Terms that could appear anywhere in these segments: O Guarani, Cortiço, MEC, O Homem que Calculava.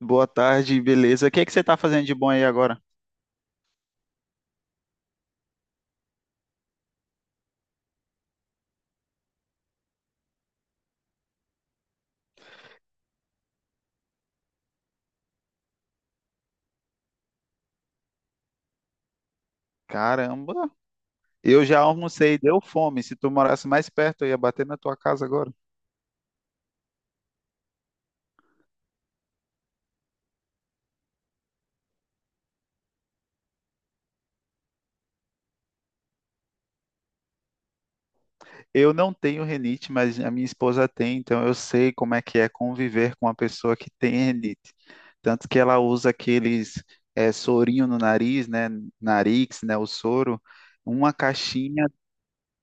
Boa tarde, beleza? O que é que você tá fazendo de bom aí agora? Caramba, eu já almocei, deu fome. Se tu morasse mais perto, eu ia bater na tua casa agora. Eu não tenho renite, mas a minha esposa tem, então eu sei como é que é conviver com uma pessoa que tem renite. Tanto que ela usa aqueles sorinho no nariz, né? Narix, né? O soro. Uma caixinha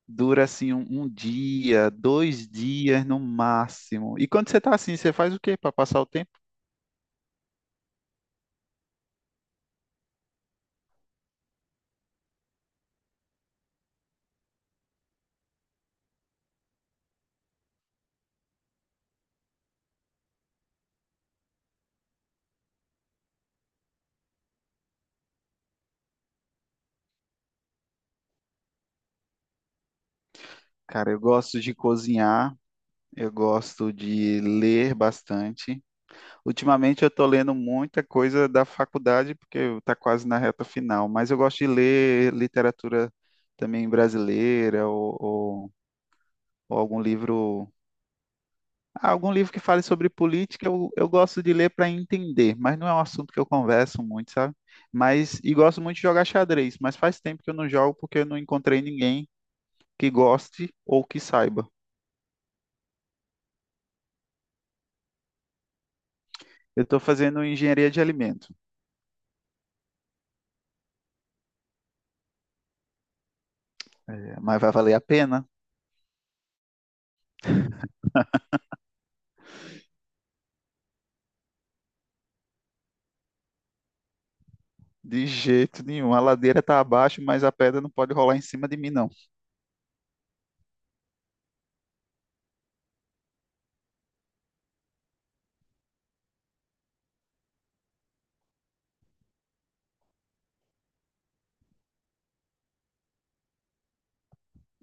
dura assim um dia, 2 dias no máximo. E quando você tá assim, você faz o quê para passar o tempo? Cara, eu gosto de cozinhar. Eu gosto de ler bastante. Ultimamente eu estou lendo muita coisa da faculdade, porque está quase na reta final, mas eu gosto de ler literatura também brasileira ou algum livro. Algum livro que fale sobre política, eu gosto de ler para entender, mas não é um assunto que eu converso muito, sabe? Mas, e gosto muito de jogar xadrez, mas faz tempo que eu não jogo porque eu não encontrei ninguém que goste ou que saiba. Eu estou fazendo engenharia de alimento, mas vai valer a pena? De jeito nenhum. A ladeira tá abaixo, mas a pedra não pode rolar em cima de mim, não.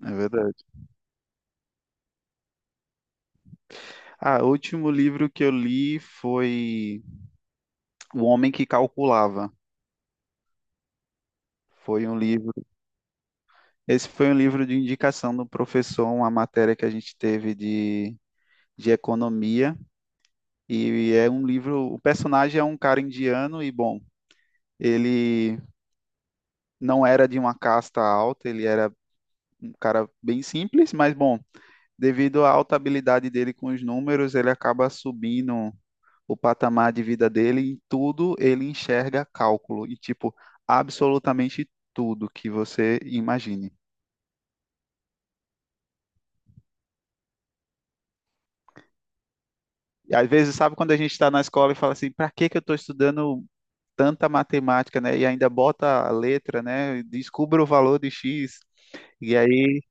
É verdade. Ah, o último livro que eu li foi O Homem que Calculava. Foi um livro. Esse foi um livro de indicação do professor, uma matéria que a gente teve de economia. E é um livro. O personagem é um cara indiano e, bom, ele não era de uma casta alta, ele era um cara bem simples, mas, bom, devido à alta habilidade dele com os números, ele acaba subindo o patamar de vida dele, em tudo ele enxerga cálculo, e tipo, absolutamente tudo que você imagine. E às vezes, sabe quando a gente está na escola e fala assim, para que que eu estou estudando tanta matemática, né? E ainda bota a letra, né? Descubra o valor de X. E aí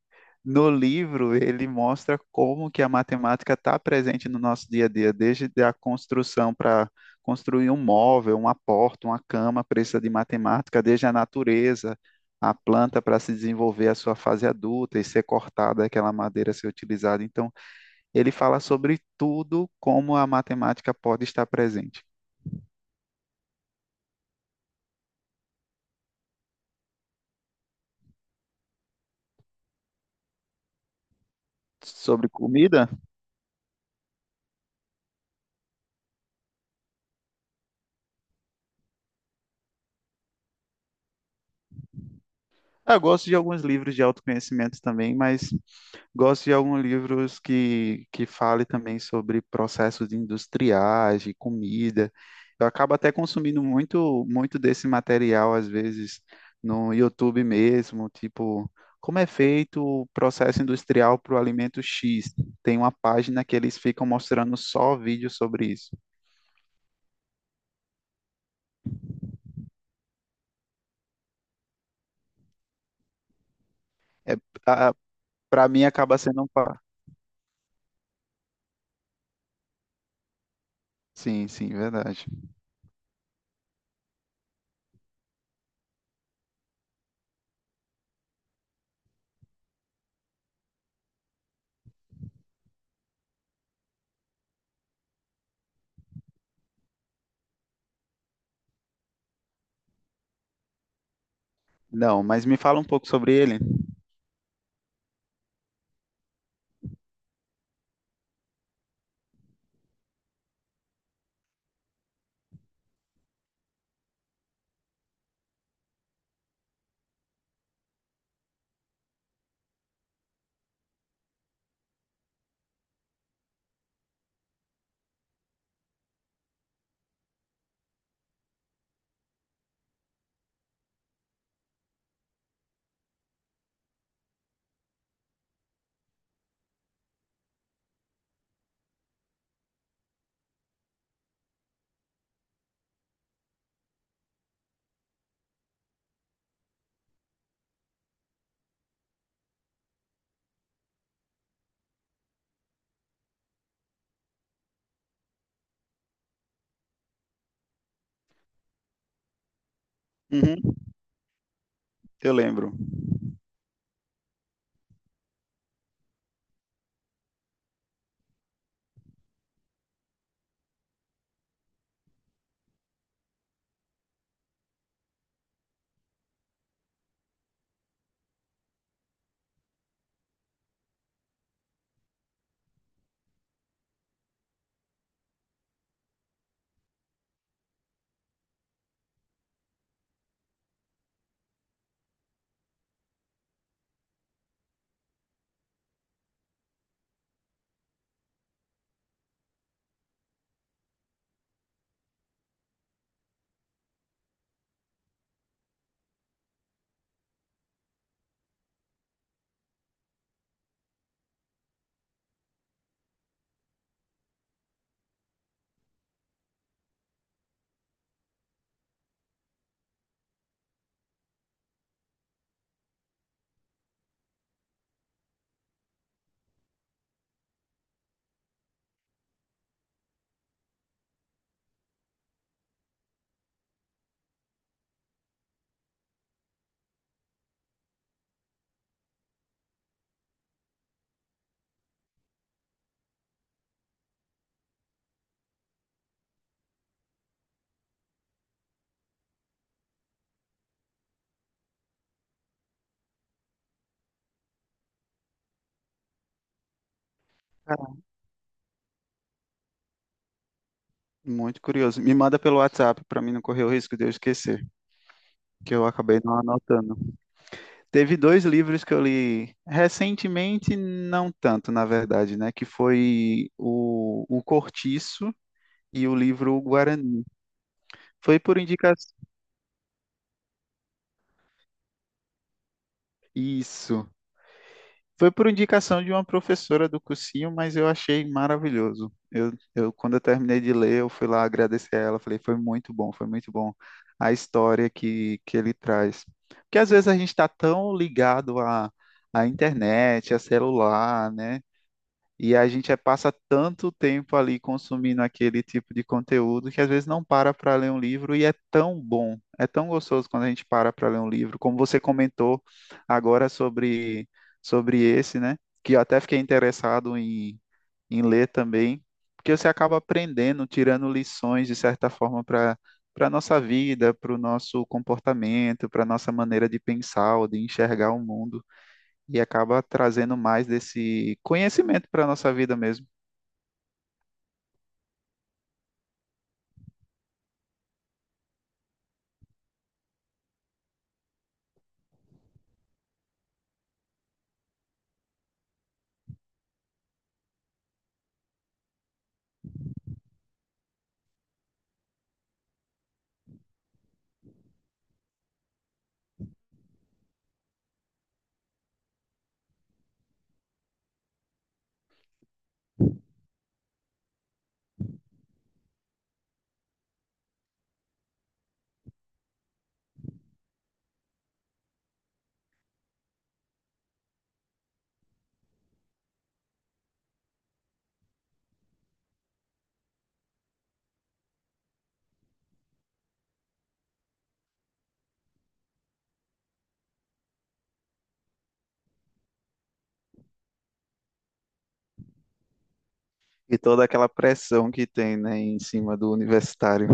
no livro, ele mostra como que a matemática está presente no nosso dia a dia, desde a construção para construir um móvel, uma porta, uma cama, precisa de matemática, desde a natureza, a planta para se desenvolver a sua fase adulta e ser cortada, aquela madeira ser utilizada. Então, ele fala sobre tudo como a matemática pode estar presente sobre comida. Ah, eu gosto de alguns livros de autoconhecimento também, mas gosto de alguns livros que fale também sobre processos industriais, de comida. Eu acabo até consumindo muito, muito desse material, às vezes, no YouTube mesmo, tipo, como é feito o processo industrial para o alimento X. Tem uma página que eles ficam mostrando só vídeos sobre isso. É, para mim acaba sendo um. Sim, sim, verdade. Não, mas me fala um pouco sobre ele. Uhum, eu lembro. Cara, muito curioso. Me manda pelo WhatsApp para mim não correr o risco de eu esquecer, que eu acabei não anotando. Teve dois livros que eu li recentemente, não tanto, na verdade, né? Que foi o Cortiço e o livro O Guarani. Foi por indicação. Isso. Foi por indicação de uma professora do cursinho, mas eu achei maravilhoso. Eu, quando eu terminei de ler, eu fui lá agradecer a ela, falei, foi muito bom a história que ele traz. Porque às vezes a gente está tão ligado à, à internet, a celular, né? E a gente passa tanto tempo ali consumindo aquele tipo de conteúdo que às vezes não para para ler um livro e é tão bom, é tão gostoso quando a gente para para ler um livro. Como você comentou agora sobre esse, né? Que eu até fiquei interessado em ler também, porque você acaba aprendendo, tirando lições de certa forma para nossa vida, para o nosso comportamento, para nossa maneira de pensar ou de enxergar o mundo e acaba trazendo mais desse conhecimento para a nossa vida mesmo. E toda aquela pressão que tem, né, em cima do universitário.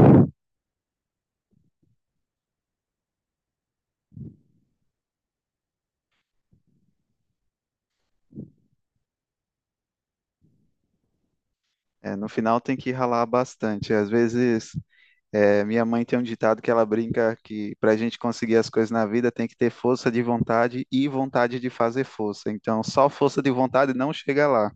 É, no final tem que ralar bastante. Às vezes, minha mãe tem um ditado que ela brinca que para a gente conseguir as coisas na vida tem que ter força de vontade e vontade de fazer força. Então, só força de vontade não chega lá.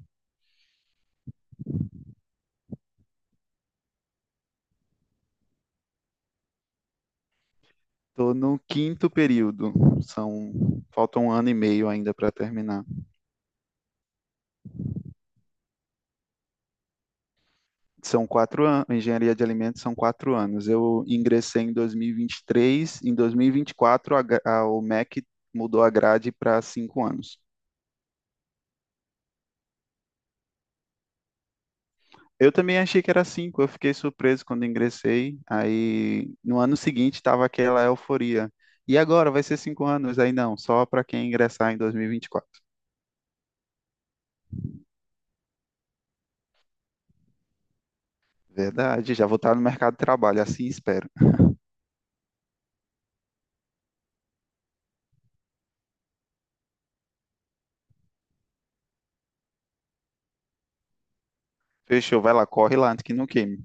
Estou no quinto período, são falta um ano e meio ainda para terminar. São 4 anos, engenharia de alimentos são 4 anos. Eu ingressei em 2023, em 2024 o MEC mudou a grade para 5 anos. Eu também achei que era cinco, eu fiquei surpreso quando ingressei. Aí no ano seguinte estava aquela euforia. E agora vai ser 5 anos? Aí não, só para quem ingressar em 2024. Verdade, já vou estar no mercado de trabalho, assim espero. Fechou, vai lá, corre lá antes que não queime.